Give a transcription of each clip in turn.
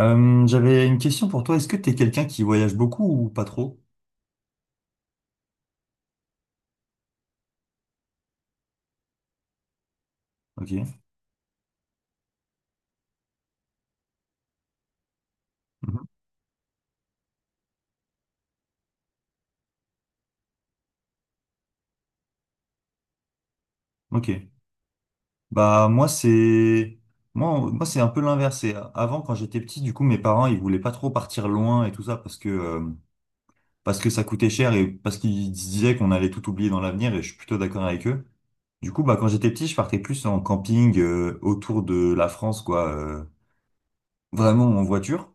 J'avais une question pour toi. Est-ce que tu es quelqu'un qui voyage beaucoup ou pas trop? Ok. Mhm. Ok. Bah moi c'est moi c'est un peu l'inverse. Avant quand j'étais petit, du coup mes parents ils voulaient pas trop partir loin et tout ça parce que ça coûtait cher et parce qu'ils se disaient qu'on allait tout oublier dans l'avenir et je suis plutôt d'accord avec eux. Du coup bah quand j'étais petit, je partais plus en camping autour de la France quoi, vraiment en voiture.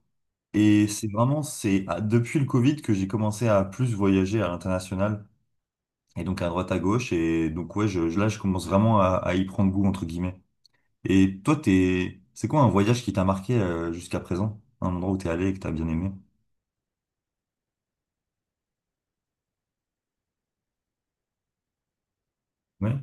Et c'est vraiment c'est ah, depuis le Covid que j'ai commencé à plus voyager à l'international. Et donc à droite à gauche. Et donc ouais, là, je commence vraiment à y prendre goût, entre guillemets. Et toi, c'est quoi un voyage qui t'a marqué jusqu'à présent? Un endroit où t'es allé et que t'as bien aimé? Ouais.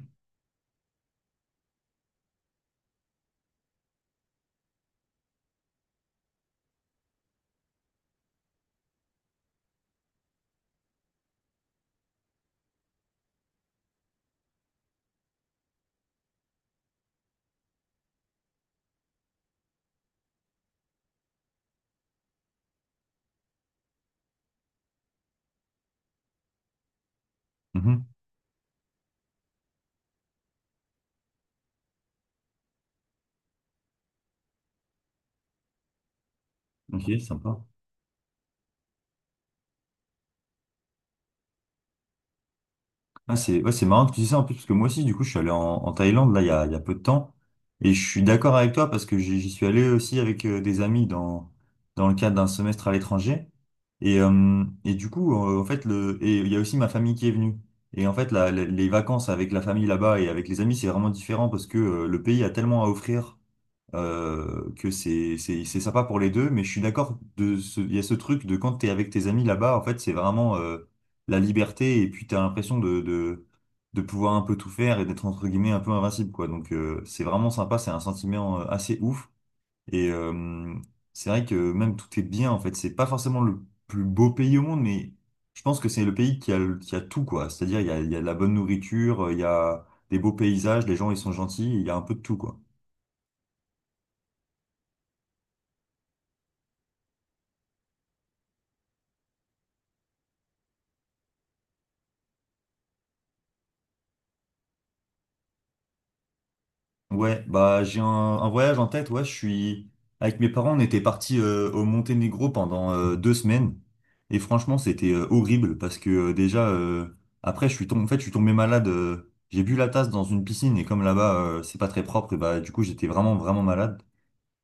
Mhm. Ok, sympa. C'est ouais, c'est marrant que tu dis ça en plus, parce que moi aussi, du coup, je suis allé en Thaïlande, là, il y a peu de temps. Et je suis d'accord avec toi, parce que j'y suis allé aussi avec des amis dans le cadre d'un semestre à l'étranger. Et du coup, en fait, le, et il y a aussi ma famille qui est venue. Et en fait, les vacances avec la famille là-bas et avec les amis, c'est vraiment différent, parce que le pays a tellement à offrir que c'est c'est sympa pour les deux, mais je suis d'accord de ce, il y a ce truc de quand t'es avec tes amis là-bas, en fait, c'est vraiment la liberté et puis t'as l'impression de pouvoir un peu tout faire et d'être entre guillemets un peu invincible quoi. Donc c'est vraiment sympa, c'est un sentiment assez ouf et c'est vrai que même tout est bien en fait. C'est pas forcément le plus beau pays au monde, mais je pense que c'est le pays qui a tout quoi. C'est-à-dire il y a de la bonne nourriture, il y a des beaux paysages, les gens ils sont gentils, il y a un peu de tout quoi. Ouais, bah j'ai un voyage en tête, ouais, je suis avec mes parents, on était partis au Monténégro pendant 2 semaines et franchement, c'était horrible parce que déjà après je suis tombé en fait, je suis tombé malade, j'ai bu la tasse dans une piscine et comme là-bas c'est pas très propre, et bah du coup, j'étais vraiment malade.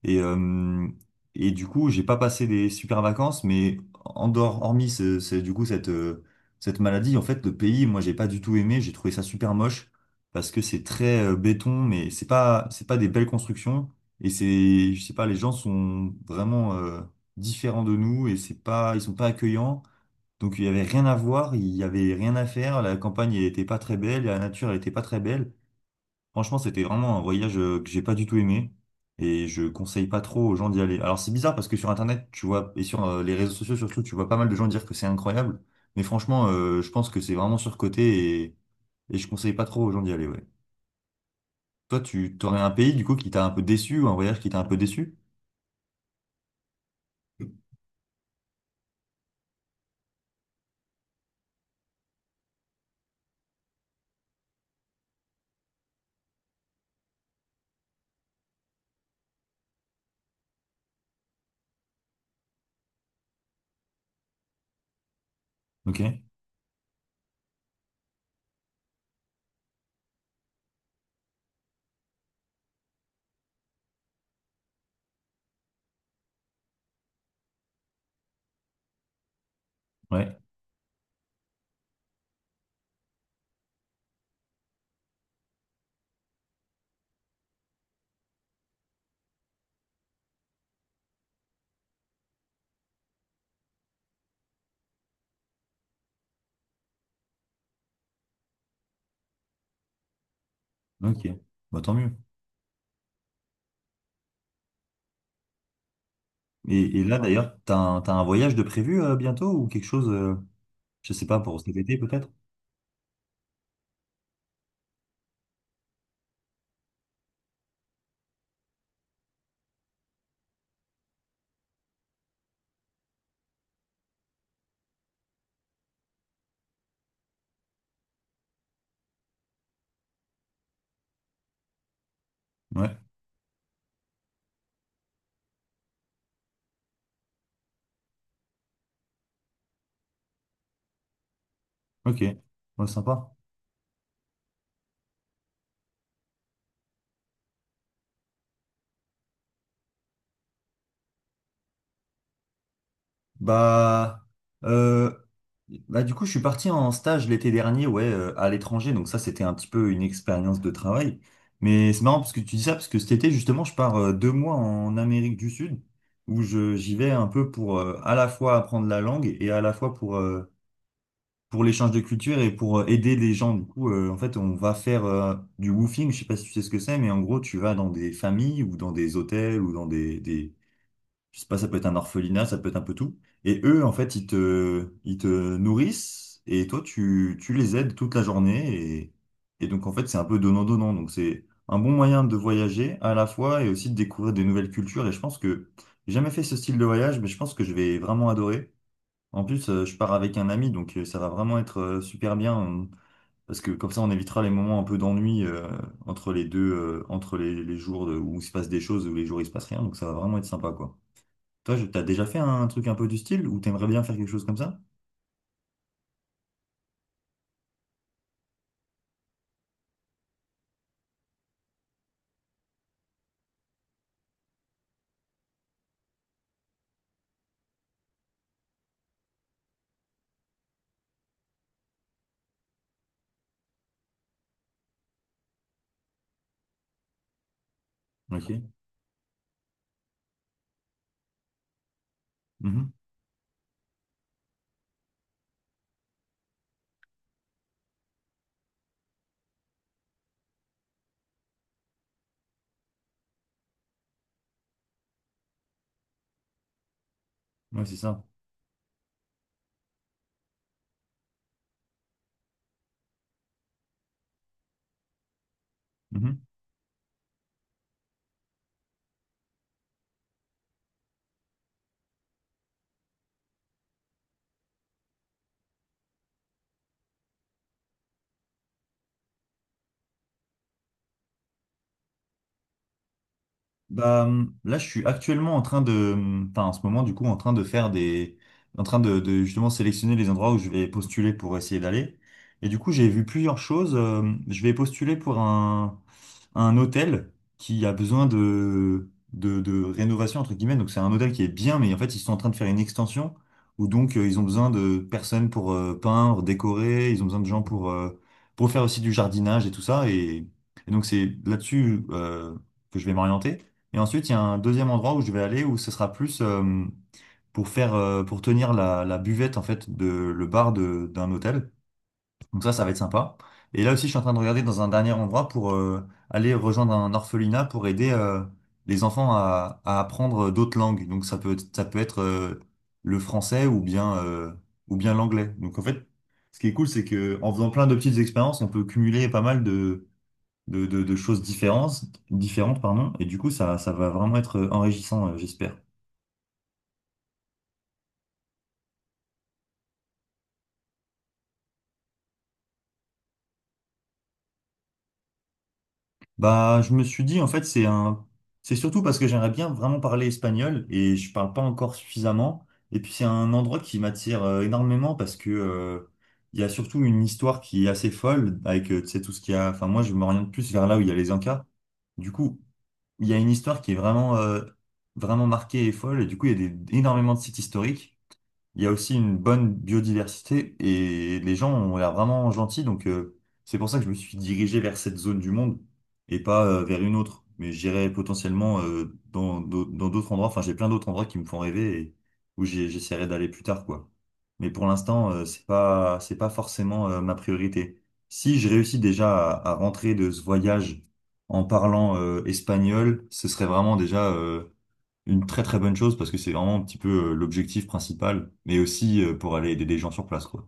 Et, euh, et du coup, j'ai pas passé des super vacances, mais en dehors, hormis cette maladie, en fait, le pays, moi, j'ai pas du tout aimé. J'ai trouvé ça super moche parce que c'est très béton, mais c'est pas des belles constructions. Et c'est, je sais pas, les gens sont vraiment différents de nous et c'est pas, ils sont pas accueillants. Donc il y avait rien à voir, il y avait rien à faire. La campagne, elle était pas très belle, la nature, elle était pas très belle. Franchement, c'était vraiment un voyage que j'ai pas du tout aimé et je conseille pas trop aux gens d'y aller. Alors c'est bizarre parce que sur Internet, tu vois, et sur les réseaux sociaux surtout, tu vois pas mal de gens dire que c'est incroyable. Mais franchement, je pense que c'est vraiment surcoté et je conseille pas trop aux gens d'y aller, ouais. Toi, tu t'aurais un pays du coup qui t'a un peu déçu ou un voyage qui t'a un peu déçu? Ok, ouais, ok, bah tant mieux. Et là d'ailleurs, t'as t'as un voyage de prévu bientôt ou quelque chose, je sais pas, pour cet été peut-être? Ouais, ok, ouais, sympa. Bah, euh, Bah du coup, je suis parti en stage l'été dernier, ouais, à l'étranger. Donc ça, c'était un petit peu une expérience de travail. Mais c'est marrant parce que tu dis ça, parce que cet été, justement, je pars 2 mois en Amérique du Sud, où je j'y vais un peu pour à la fois apprendre la langue et à la fois pour l'échange de culture et pour aider les gens. Du coup, en fait, on va faire du woofing. Je sais pas si tu sais ce que c'est, mais en gros, tu vas dans des familles ou dans des hôtels ou dans des je sais pas, ça peut être un orphelinat, ça peut être un peu tout. Et eux, en fait, ils te nourrissent et toi, tu les aides toute la journée. Et donc, en fait, c'est un peu donnant-donnant. Donc, c'est un bon moyen de voyager à la fois et aussi de découvrir des nouvelles cultures. Et je pense que j'ai jamais fait ce style de voyage, mais je pense que je vais vraiment adorer. En plus, je pars avec un ami, donc ça va vraiment être super bien. Parce que comme ça, on évitera les moments un peu d'ennui entre les deux, entre les où il se passe des choses ou les jours où il se passe rien. Donc ça va vraiment être sympa, quoi. Toi, t'as déjà fait un truc un peu du style ou t'aimerais bien faire quelque chose comme ça? Ok. Mhm. Ouais, c'est ça. Mhm. Bah, là, je suis actuellement en train de, enfin, en ce moment, du coup, en train de justement sélectionner les endroits où je vais postuler pour essayer d'aller. Et du coup, j'ai vu plusieurs choses. Je vais postuler pour un hôtel qui a besoin de rénovation, entre guillemets. Donc, c'est un hôtel qui est bien, mais en fait, ils sont en train de faire une extension où donc, ils ont besoin de personnes pour peindre, décorer. Ils ont besoin de gens pour faire aussi du jardinage et tout ça. Et donc, c'est là-dessus, que je vais m'orienter. Et ensuite, il y a un deuxième endroit où je vais aller où ce sera plus pour faire pour tenir la buvette en fait de le bar de d'un hôtel. Donc ça va être sympa. Et là aussi, je suis en train de regarder dans un dernier endroit pour aller rejoindre un orphelinat pour aider les enfants à apprendre d'autres langues. Donc ça peut être le français ou bien l'anglais. Donc en fait, ce qui est cool, c'est que en faisant plein de petites expériences, on peut cumuler pas mal de choses différentes, différentes, pardon, et du coup, ça va vraiment être enrichissant, j'espère. Bah, je me suis dit, en fait, c'est surtout parce que j'aimerais bien vraiment parler espagnol et je parle pas encore suffisamment. Et puis, c'est un endroit qui m'attire énormément parce que, il y a surtout une histoire qui est assez folle avec, tu sais, tout ce qu'il y a. Enfin, moi, je m'oriente plus vers là où il y a les Incas. Du coup, il y a une histoire qui est vraiment, vraiment marquée et folle. Et du coup, il y a des- énormément de sites historiques. Il y a aussi une bonne biodiversité et les gens ont l'air vraiment gentils, donc c'est pour ça que je me suis dirigé vers cette zone du monde et pas vers une autre. Mais j'irai potentiellement dans d'autres endroits. Enfin, j'ai plein d'autres endroits qui me font rêver et j'essaierai d'aller plus tard, quoi. Mais pour l'instant, c'est pas forcément ma priorité. Si je réussis déjà à rentrer de ce voyage en parlant espagnol, ce serait vraiment déjà une très très bonne chose parce que c'est vraiment un petit peu l'objectif principal, mais aussi pour aller aider des gens sur place, quoi.